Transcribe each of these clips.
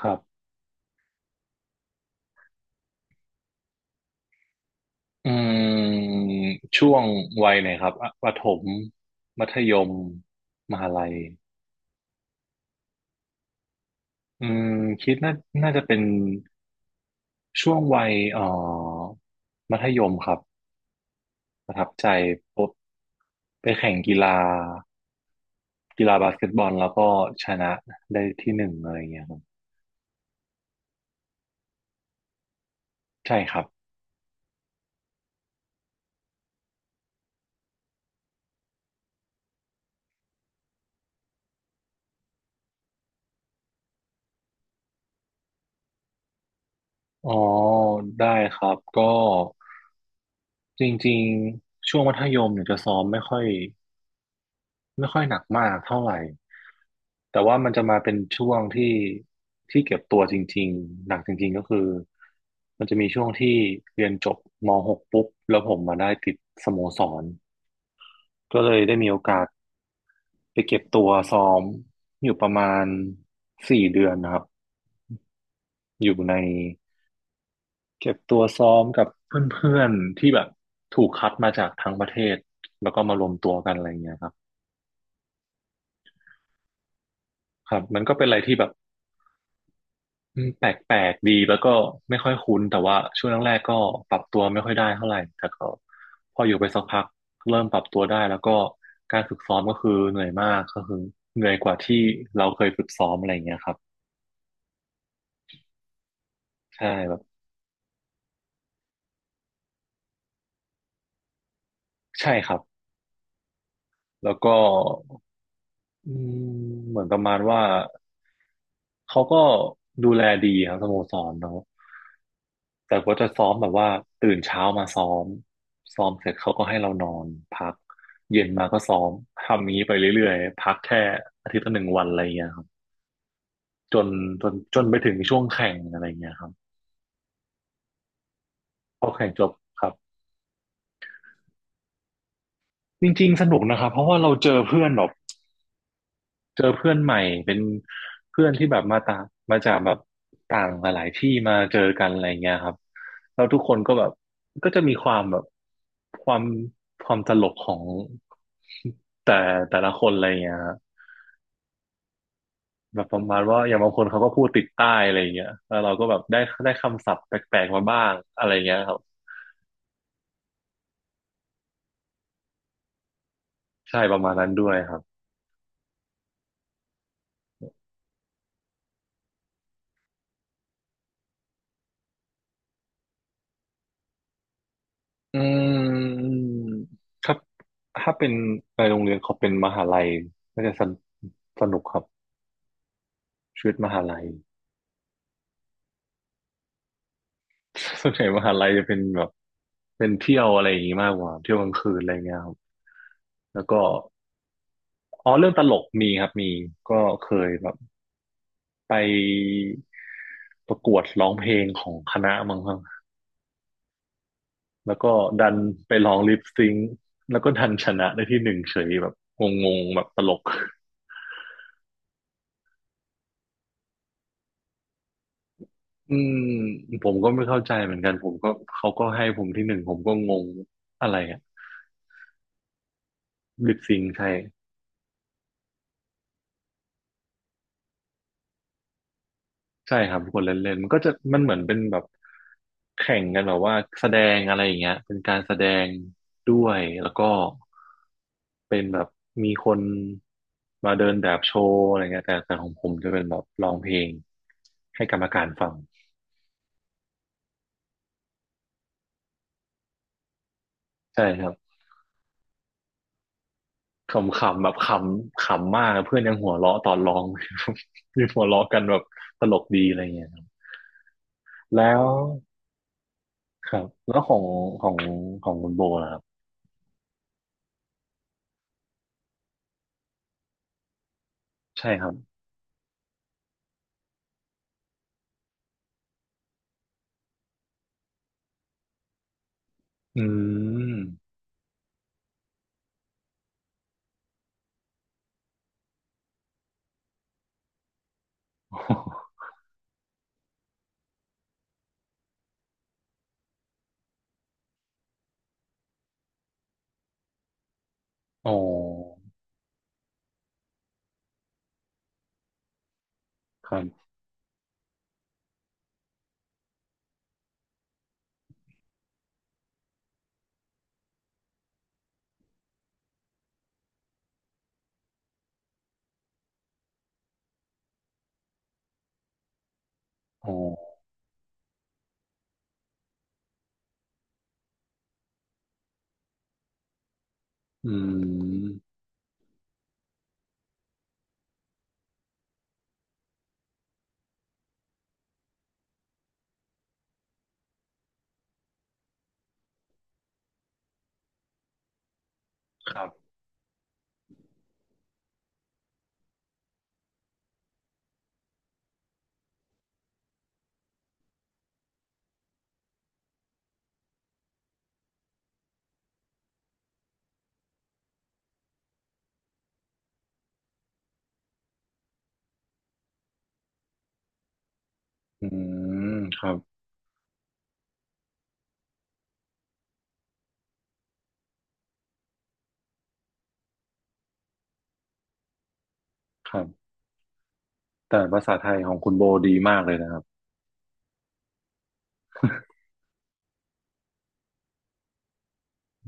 ครับอืมช่วงวัยไหนครับอ่ะประถมมัธยมมหาลัยอืมคิดน่าน่าจะเป็นช่วงวัยมัธยมครับประทับใจพบไปแข่งกีฬากีฬาบาสเกตบอลแล้วก็ชนะได้ที่หนึ่งอะไรอย่างเงี้ยครับใช่ครับอ๋อได้ครับก็จริงๆช่วงมัธยมเนี่ยจะซ้อมไม่ค่อยหนักมากเท่าไหร่ แต่ว่ามันจะมาเป็นช่วงที่เก็บตัวจริงๆหนักจริงๆก็คือมันจะมีช่วงที่เรียนจบม .6 ปุ๊บแล้วผมมาได้ติดสโมสรก็เลยได้มีโอกาสไปเก็บตัวซ้อมอยู่ประมาณสี่เดือนนะครับอยู่ในเก็บตัวซ้อมกับเพื่อนๆที่แบบถูกคัดมาจากทั้งประเทศแล้วก็มารวมตัวกันอะไรเงี้ยครับครับมันก็เป็นอะไรที่แบบ แปลกๆดีแล้วก็ไม่ค่อยคุ้นแต่ว่าช่วงแรกๆก็ปรับตัวไม่ค่อยได้เท่าไหร่แต่ก็พออยู่ไปสักพักเริ่มปรับตัวได้แล้วก็การฝึกซ้อมก็คือเหนื่อยมากก็คือเหนื่อยกว่าที่เราเคยฝึกซ้อมอะไรอย่างเงี้ยครับใช่แบบใช่ครับแล้วก็อืมเหมือนประมาณว่าเขาก็ดูแลดีครับสโมสรเนาะ แต่ก็จะซ้อมแบบว่าตื่นเช้ามาซ้อมซ้อมเสร็จเขาก็ให้เรานอนพักเย็นมาก็ซ้อมทำอย่างนี้ไปเรื่อยๆพักแค่อาทิตย์ละหนึ่งวันอะไรอย่างเงี้ยครับจนจนไปถึงช่วงแข่งอะไรอย่างเงี้ยครับพอแข่งจบครับจริงๆสนุกนะครับเพราะว่าเราเจอเพื่อนแบบ เจอเพื่อนใหม่เป็นเพื่อนที่แบบมาต่างมาจากแบบต่างหลายๆที่มาเจอกันอะไรเงี้ยครับแล้วทุกคนก็แบบก็จะมีความแบบความความตลกของ แต่แต่ละคนอะไรเงี้ยฮะแบบประมาณว่าอย่างบางคนเขาก็พูดติดใต้อะไรเงี้ยแล้วเราก็แบบได้คำศัพท์แปลกๆมาบ้างอะไรเงี้ยครับใช่ประมาณนั้นด้วยครับอืมถ้าถ้าเป็นในโรงเรียนเขาเป็นมหาลัยน่าจะสนสนุกครับ ชีวิตมหาลัย ส่วนใหญ่มหาลัยจะเป็นแบบเป็นเที่ยวอะไรอย่างงี้มากกว่าเที่ยวกลางคืนอะไรเงี้ยครับแล้วก็อ๋อเรื่องตลกมีครับมีก็เคยแบบไปประกวดร้องเพลงของคณะมั้งครับแล้วก็ดันไปร้องลิปซิงค์แล้วก็ดันชนะได้ที่หนึ่งเฉยแบบงงๆแบบตลกอืมผมก็ไม่เข้าใจเหมือนกันผมก็เขาก็ให้ผมที่หนึ่งผมก็งงอะไรอะลิปซิงค์ใช่ ใช่ครับกดเล่นเล่นมันก็จะมันเหมือนเป็นแบบแข่งกันแบบว่าแสดงอะไรอย่างเงี้ยเป็นการแสดงด้วยแล้วก็เป็นแบบมีคนมาเดินแบบโชว์อะไรเงี้ยแต่ของผมจะเป็นแบบร้องเพลงให้กรรมการฟังใช่ครับขำๆแบบขำขำมากเพื่อนยังหัวเราะตอนร้อง มีหัวเราะกันแบบตลกดีอะไรเงี้ยครับแล้วครับแล้วของของคุณโบล่ะครับใช่ครับอืม อ๋อครับอ๋ออืมครับอืมครับครับ แต่ภาษาไทยของคุณโบดีมากเลยนะครับ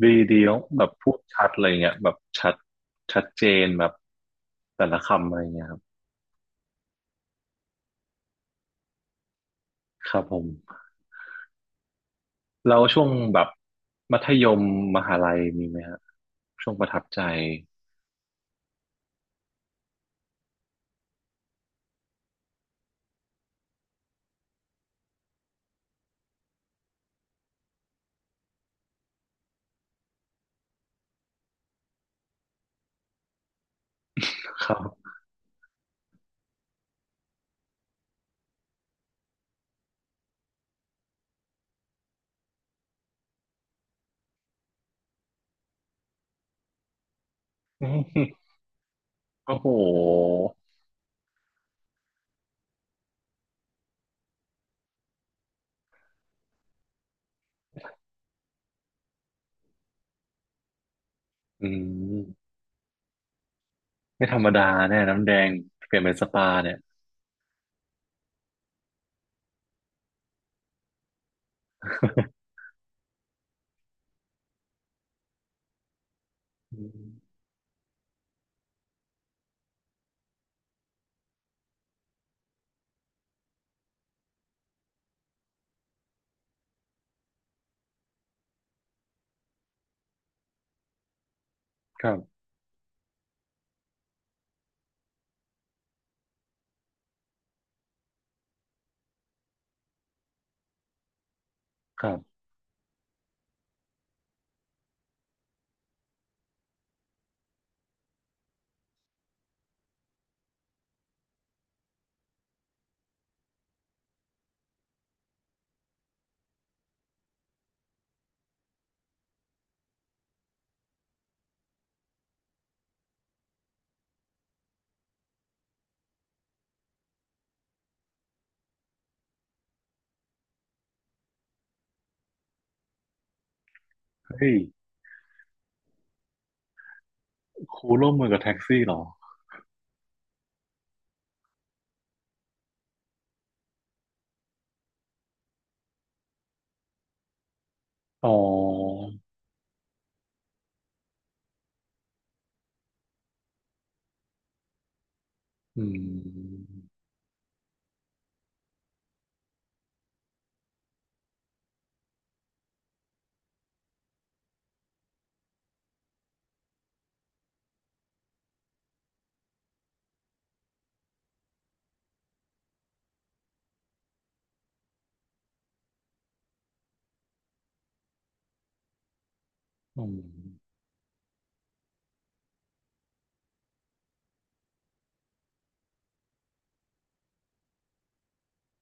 ดีดีแล้แบบพูดชัดอะไรเงี้ยแบบชัดเจนแบบแต่ละคำอะไรเงี้ยครับครับผมแล้วช่วงแบบมัธยมมหาลัยมีไหมฮะช่วงประทับใจครับ อืมโอ้โหอืมไม่ธรรมดาแน่น้ำแดงเปลี่ยนเป็นสปาเนี่ย อืมครับครับเฮ้ย ครูร่วมมือกับแท็กซี่เหรอ อ๋อ อืมอืม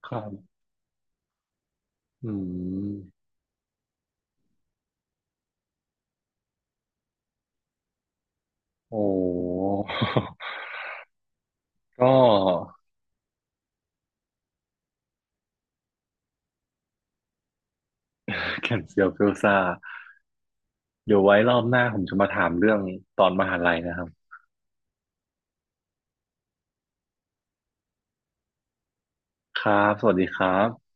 ครับอืมโอ้ ก็แก่เซียวเฟลยซาเดี๋ยวไว้รอบหน้าผมจะมาถามเรื่องตอนมหาลัยนะครับ ครับ สวัสดีครับ